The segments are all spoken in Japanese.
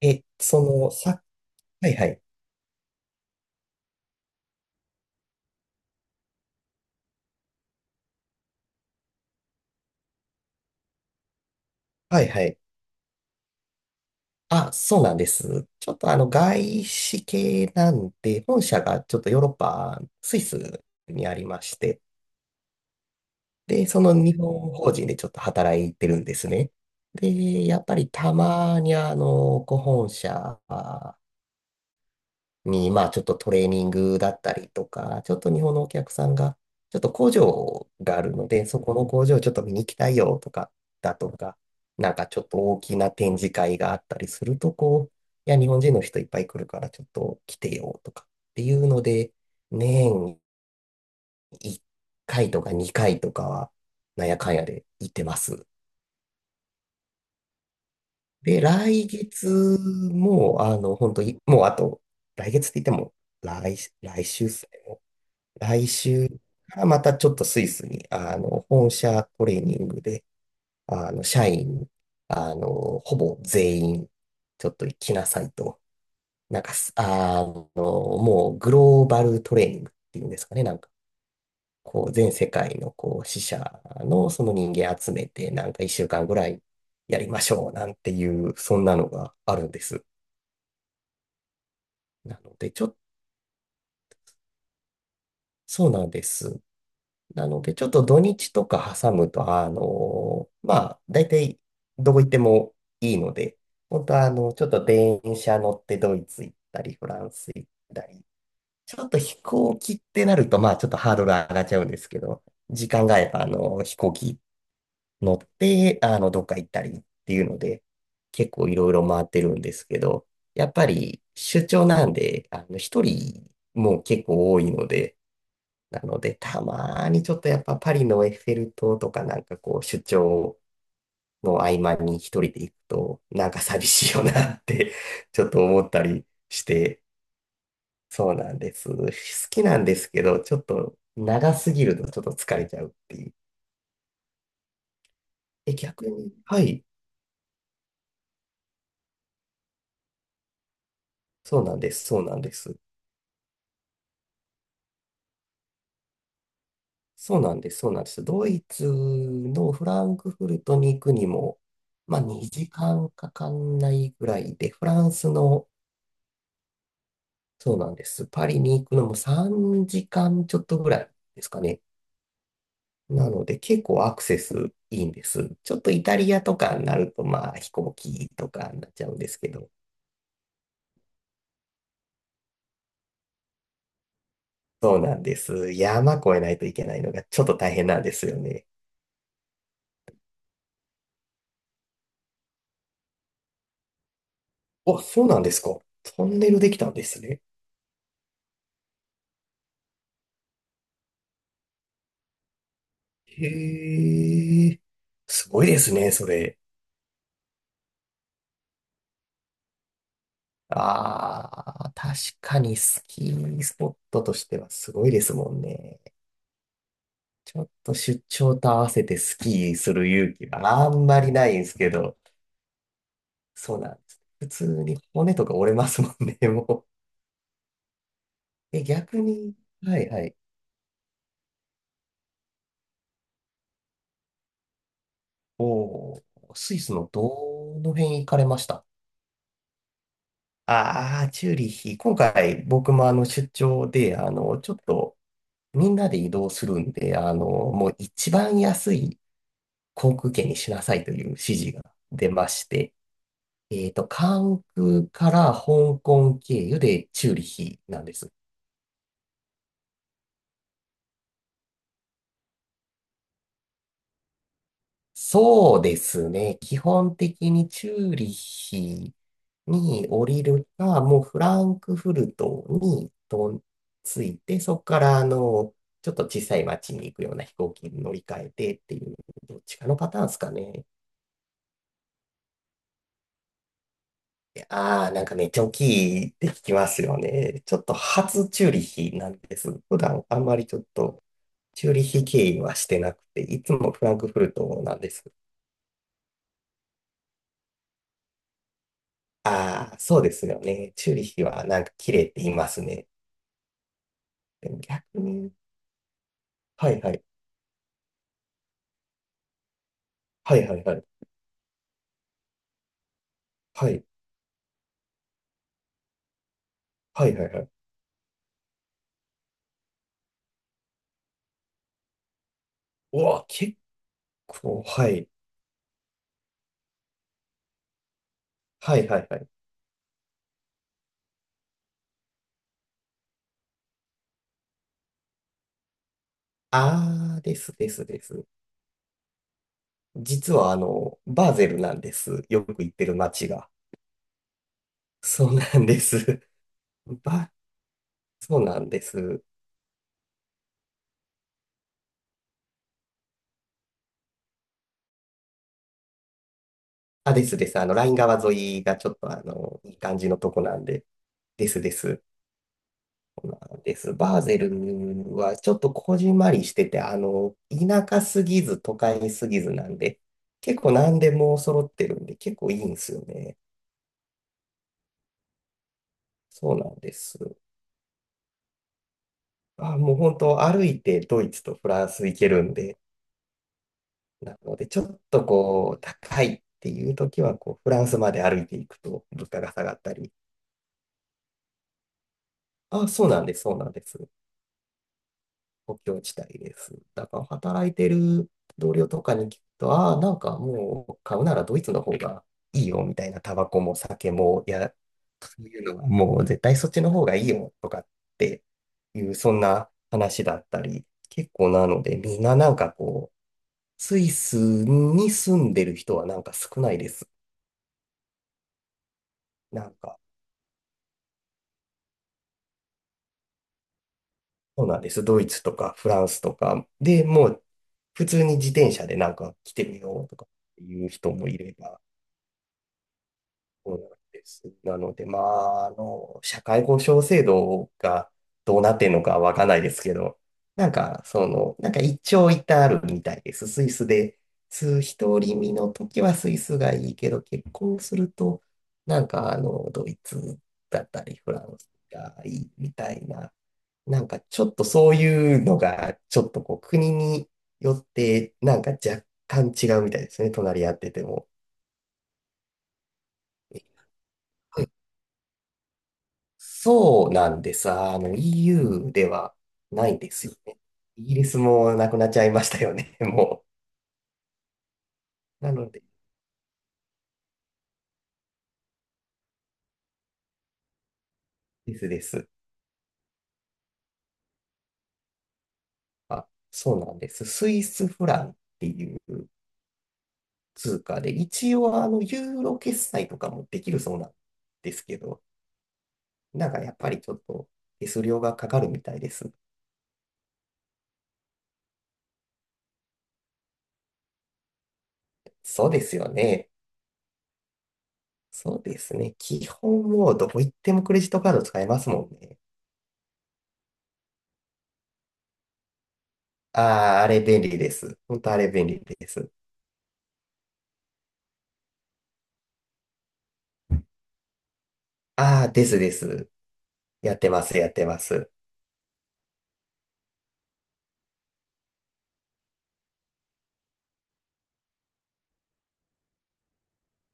え、その、さ、はいはい。はいはい。あ、そうなんです。ちょっと外資系なんで、本社がちょっとヨーロッパ、スイスにありまして、で、その日本法人でちょっと働いてるんですね。で、やっぱりたまにご本社に、まあちょっとトレーニングだったりとか、ちょっと日本のお客さんが、ちょっと工場があるので、そこの工場をちょっと見に行きたいよとか、だとか、なんかちょっと大きな展示会があったりすると、こう、いや、日本人の人いっぱい来るからちょっと来てよとかっていうので、年1回とか2回とかは、なんやかんやで行ってます。で、来月も、本当に、もうあと、来月って言っても、来、来週来週からまたちょっとスイスに、本社トレーニングで、社員、ほぼ全員、ちょっと行きなさいと。なんかす、あの、もうグローバルトレーニングっていうんですかね。なんか、こう、全世界の、こう、支社のその人間集めて、なんか一週間ぐらいやりましょう、なんていう、そんなのがあるんです。なので、ちょっと、そうなんです。なので、ちょっと土日とか挟むと、まあ、大体どこ行ってもいいので、本当はちょっと電車乗ってドイツ行ったり、フランス行ったり、ちょっと飛行機ってなると、まあ、ちょっとハードル上がっちゃうんですけど、時間があれば、飛行機乗って、どっか行ったりっていうので、結構いろいろ回ってるんですけど、やっぱり出張なんで、一人も結構多いので、なので、たまーにちょっとやっぱパリのエッフェル塔とかなんかこう、出張の合間に一人で行くと、なんか寂しいよなって ちょっと思ったりして、そうなんです。好きなんですけど、ちょっと長すぎるとちょっと疲れちゃうっていう。え、逆に、はい、そうなんです、そうなんです。そうなんです、そうなんです。ドイツのフランクフルトに行くにも、まあ2時間かかんないぐらいで、フランスのそうなんです。パリに行くのも3時間ちょっとぐらいですかね。なので結構アクセスいいんです。ちょっとイタリアとかになるとまあ飛行機とかになっちゃうんですけど。そうなんです。山越えないといけないのがちょっと大変なんですよね。あ、そうなんですか。トンネルできたんですね。へえ、すごいですね、それ。ああ、確かにスキースポットとしてはすごいですもんね。ちょっと出張と合わせてスキーする勇気があんまりないんですけど、そうなんです。普通に骨とか折れますもんね、もう。え、逆に、はいはい。おー、スイスのどの辺行かれましたああー、チューリヒ。今回僕も出張で、ちょっとみんなで移動するんで、もう一番安い航空券にしなさいという指示が出まして、えっと、関空から香港経由でチューリヒなんです。そうですね。基本的にチューリヒに降りるか、もうフランクフルトにと着いて、そこからちょっと小さい町に行くような飛行機に乗り換えてっていう、どっちかのパターンですかね。ああー、なんかめっちゃ大きいって聞きますよね。ちょっと初チューリヒなんです。普段あんまりちょっとチューリヒ経由はしてなくて、いつもフランクフルトなんです。ああ、そうですよね。チューリヒはなんか綺麗って言いますね。でも逆に、はいはい、はいはいはい、はい、はいはいはい。うわ、結構、はい、はいはいはい。ああ、ですですです。実はバーゼルなんです。よく行ってる街が。そうなんです。ば、そうなんです。あ、ですです。ライン川沿いがちょっといい感じのとこなんで。ですです。です。バーゼルはちょっとこじんまりしてて、田舎すぎず都会すぎずなんで、結構何でも揃ってるんで、結構いいんですよね。そうなんです。あ、もう本当歩いてドイツとフランス行けるんで、なのでちょっとこう、高いっていう時は、こう、フランスまで歩いていくと物価が下がったり。あ、そうなんです、そうなんです。国境地帯です。だから働いてる同僚とかに聞くと、ああ、なんかもう買うならドイツの方がいいよみたいな、タバコも酒も、いや、そういうのはもう絶対そっちの方がいいよとかっていう、そんな話だったり、結構なので、みんななんかこう、スイスに住んでる人はなんか少ないです。なんか、そうなんです。ドイツとかフランスとかでもう普通に自転車でなんか来てみようとかっていう人もいれば、そうなんです。なので、まあ、社会保障制度がどうなってんのかわかんないですけど、なんか、その、なんか一長一短あるみたいです。スイスで、独り身の時はスイスがいいけど、結婚すると、なんか、ドイツだったり、フランスがいいみたいな、なんかちょっとそういうのが、ちょっとこう、国によって、なんか若干違うみたいですね、隣り合ってても。そうなんです。EU ではないですよね。イギリスもなくなっちゃいましたよね、もう。なので、ですです。あ、そうなんです。スイスフランっていう通貨で、一応、ユーロ決済とかもできるそうなんですけど、なんかやっぱりちょっと手数料がかかるみたいです。そうですよね。そうですね。基本もうどこ行ってもクレジットカード使えますもんね。ああ、あれ便利です。本当あれ便利です。ああ、ですです。やってます、やってます。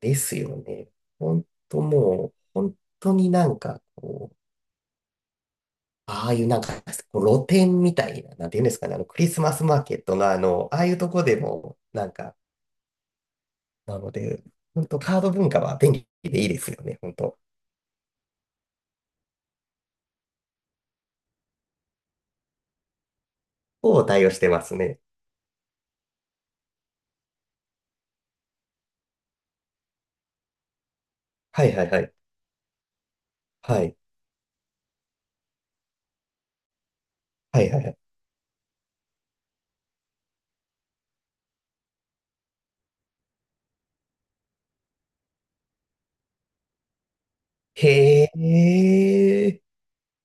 ですよね。ほんともう、本当になんかこう、ああいうなんか、こう露店みたいな、なんていうんですかね、クリスマスマーケットのあの、ああいうとこでも、なんか、なので、本当カード文化は便利でいいですよね、本当。を対応してますね。はいはいはい。はい。はいはいはい。へえ、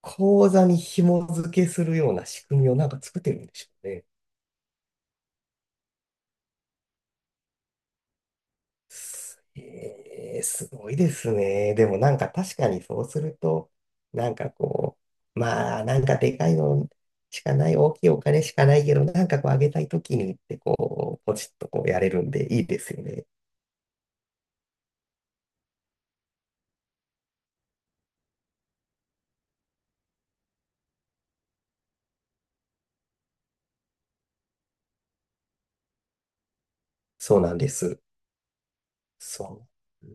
口座に紐付けするような仕組みをなんか作ってるんでしょうね。すえーすごいですね。でもなんか確かにそうすると、なんかこう、まあなんかでかいのしかない、大きいお金しかないけど、なんかこうあげたいときにってこう、ポチッとこうやれるんでいいですよね。そうなんです。そう。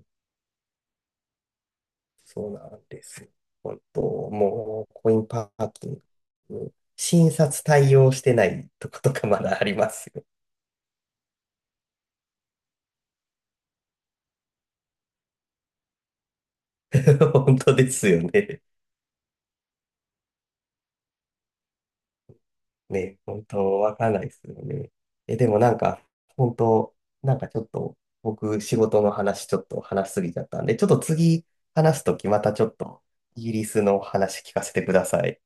そうなんです。本当、もうコインパーキング、診察対応してないとことかまだありますよ。本当ですよね。ね、本当わかんないですよね。え、でもなんか、本当なんかちょっと、僕、仕事の話ちょっと話しすぎちゃったんで、ちょっと次話すときまたちょっと、イギリスの話聞かせてください。